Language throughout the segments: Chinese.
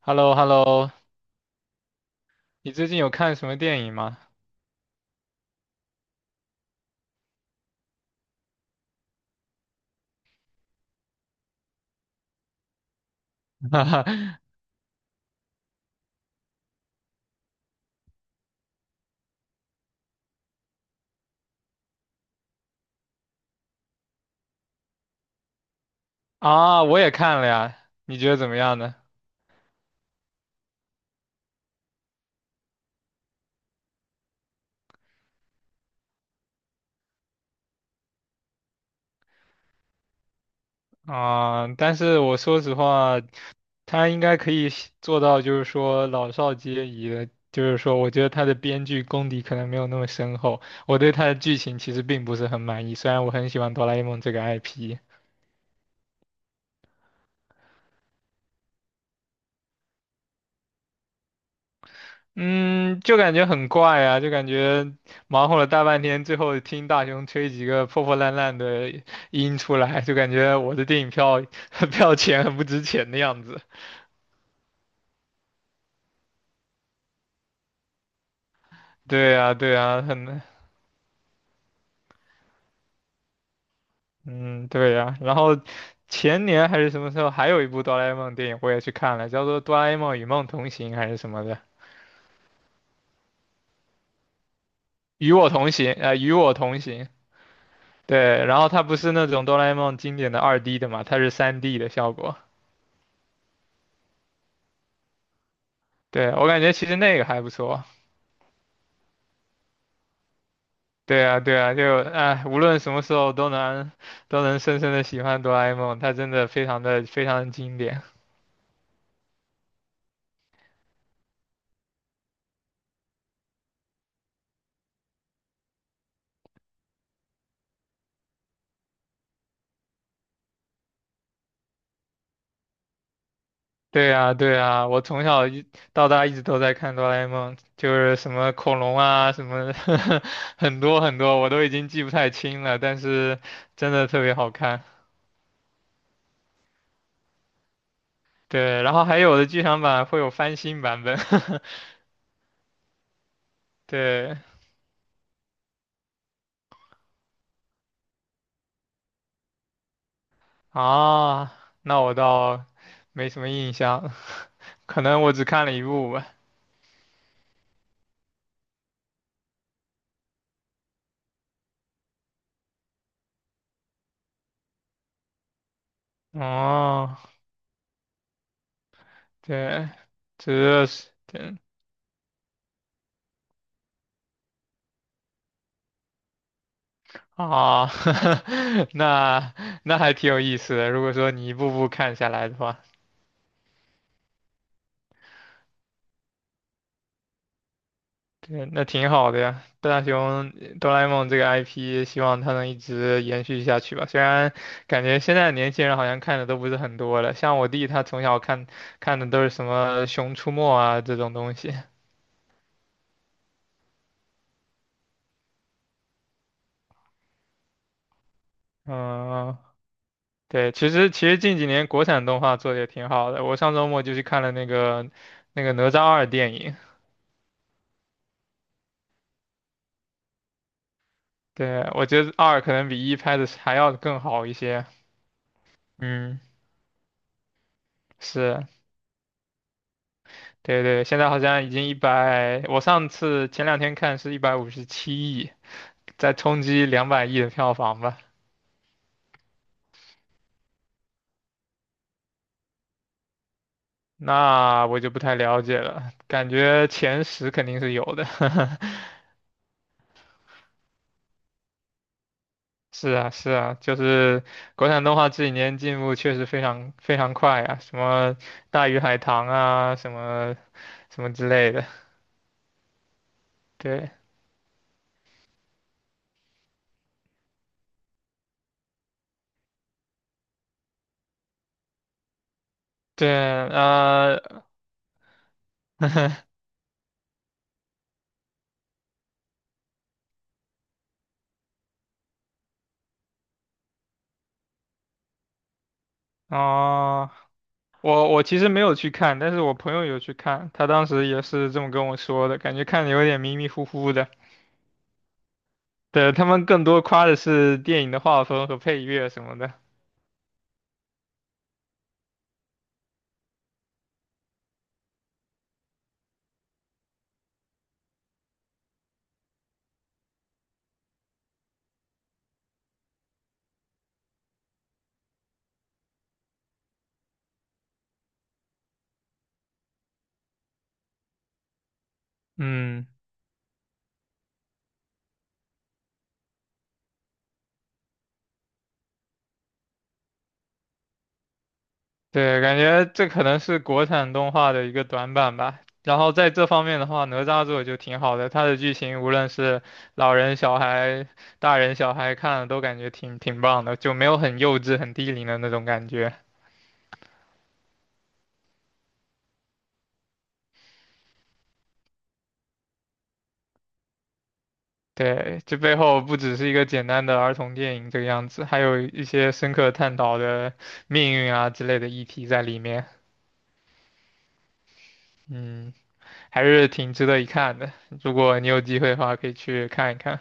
h e l l o h e l l o 你最近有看什么电影吗？啊，我也看了呀，你觉得怎么样呢？啊，但是我说实话，他应该可以写做到，就是说老少皆宜的。就是说，我觉得他的编剧功底可能没有那么深厚，我对他的剧情其实并不是很满意，虽然我很喜欢哆啦 A 梦这个 IP。嗯，就感觉很怪啊，就感觉忙活了大半天，最后听大雄吹几个破破烂烂的音出来，就感觉我的电影票 票钱很不值钱的样子。对呀，对呀，很，嗯，对呀。然后前年还是什么时候，还有一部哆啦 A 梦电影我也去看了，叫做《哆啦 A 梦与梦同行》还是什么的，与我同行，与我同行。对，然后它不是那种哆啦 A 梦经典的2D 的嘛，它是3D 的效果。对，我感觉其实那个还不错。对啊，对啊，就哎，无论什么时候都能深深的喜欢哆啦 A 梦，它真的非常的非常的经典。对啊，对啊，我从小一到大一直都在看哆啦 A 梦，就是什么恐龙啊，什么 很多很多，我都已经记不太清了，但是真的特别好看。对，然后还有的剧场版会有翻新版本。对啊，那我倒没什么印象，可能我只看了一部吧。哦。对，这是对啊，那那还挺有意思的。如果说你一步步看下来的话，对，那挺好的呀。大雄哆啦 A 梦这个 IP，希望它能一直延续下去吧。虽然感觉现在的年轻人好像看的都不是很多了，像我弟他从小看的都是什么《熊出没》啊这种东西。嗯，对，其实近几年国产动画做的也挺好的。我上周末就去看了那个《哪吒二》电影。对，我觉得二可能比一拍的还要更好一些。嗯，是，对对，现在好像已经一百，我上次前两天看是157亿，在冲击200亿的票房吧。那我就不太了解了，感觉前十肯定是有的。是啊，是啊，就是国产动画这几年进步确实非常非常快啊，什么《大鱼海棠》啊，什么什么之类的。对对，呃，哦。我其实没有去看，但是我朋友有去看，他当时也是这么跟我说的，感觉看的有点迷迷糊糊的。对，他们更多夸的是电影的画风和配乐什么的。嗯，对，感觉这可能是国产动画的一个短板吧。然后在这方面的话，哪吒做得就挺好的，它的剧情无论是老人、小孩、大人、小孩看了都感觉挺棒的，就没有很幼稚、很低龄的那种感觉。对，这背后不只是一个简单的儿童电影这个样子，还有一些深刻探讨的命运啊之类的议题在里面。嗯，还是挺值得一看的。如果你有机会的话，可以去看一看。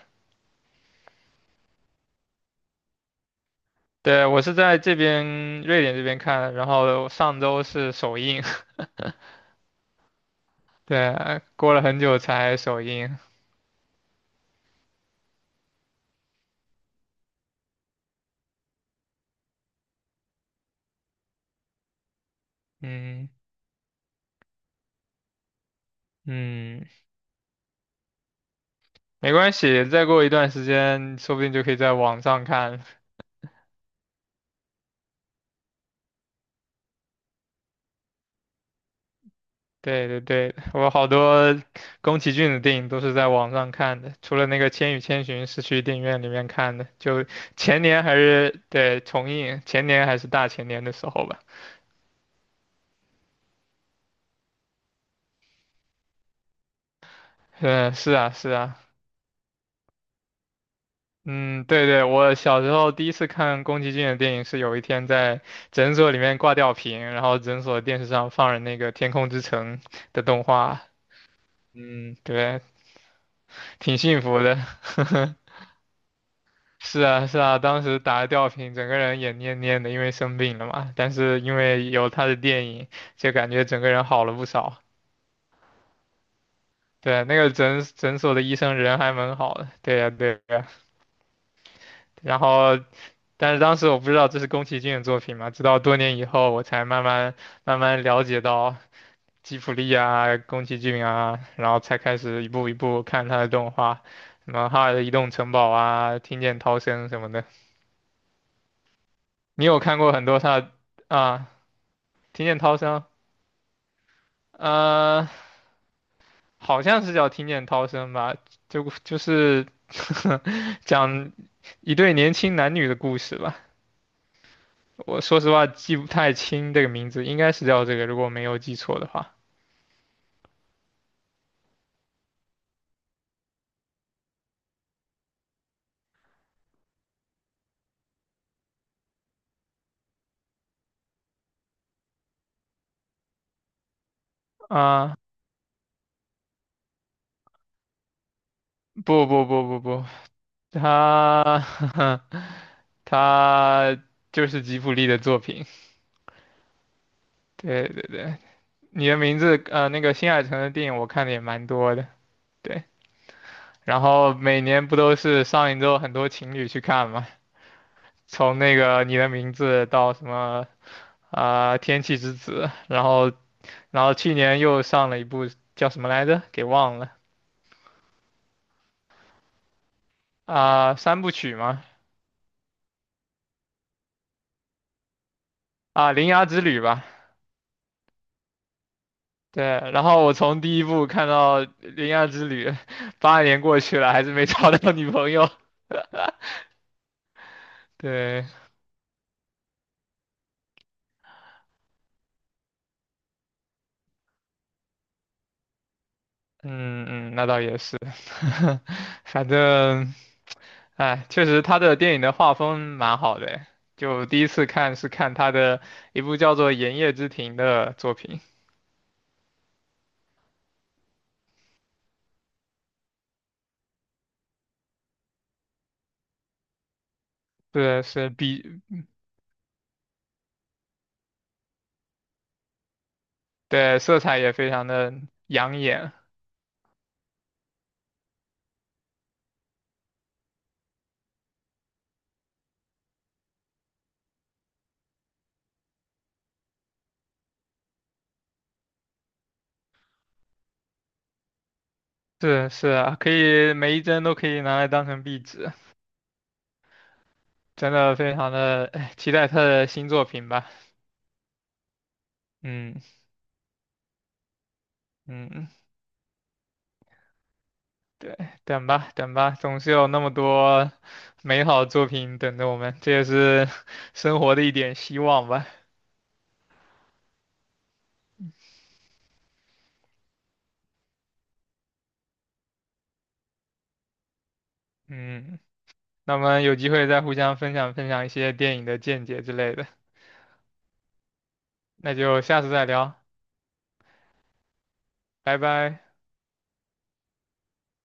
对，我是在这边瑞典这边看的，然后上周是首映，对，过了很久才首映。嗯嗯，没关系，再过一段时间，说不定就可以在网上看。对对对，我好多宫崎骏的电影都是在网上看的，除了那个《千与千寻》是去电影院里面看的，就前年还是对重映，前年还是大前年的时候吧。嗯，是啊，是啊，嗯，对对，我小时候第一次看宫崎骏的电影是有一天在诊所里面挂吊瓶，然后诊所电视上放着那个《天空之城》的动画，嗯，对，挺幸福的。是啊，是啊，当时打了吊瓶，整个人也蔫蔫的，因为生病了嘛。但是因为有他的电影，就感觉整个人好了不少。对，那个诊所的医生人还蛮好的。对呀，对呀。然后，但是当时我不知道这是宫崎骏的作品嘛，直到多年以后我才慢慢了解到吉卜力啊、宫崎骏啊，然后才开始一步一步看他的动画，什么《哈尔的移动城堡》啊、《听见涛声》什么的。你有看过很多他的啊？听见涛声，呃，好像是叫听见涛声吧，就是 讲一对年轻男女的故事吧。我说实话记不太清这个名字，应该是叫这个，如果没有记错的话。啊，不不不不不，他 他就是吉卜力的作品。对对对，你的名字那个新海诚的电影我看的也蛮多的。对，然后每年不都是上一周很多情侣去看吗？从那个你的名字到什么啊，天气之子，然后去年又上了一部叫什么来着，给忘了啊，三部曲吗？啊，铃芽之旅吧。对，然后我从第一部看到铃芽之旅，8年过去了，还是没找到女朋友。对，嗯嗯，那倒也是，反正，哎，确实他的电影的画风蛮好的，就第一次看是看他的一部叫做《炎夜之庭》的作品。对，是壁，对色彩也非常的养眼，是是啊，可以每一帧都可以拿来当成壁纸，真的非常的哎期待他的新作品吧。嗯嗯，对，等吧等吧，总是有那么多美好作品等着我们，这也是 生活的一点希望吧。嗯，那么有机会再互相分享分享一些电影的见解之类的，那就下次再聊，拜拜。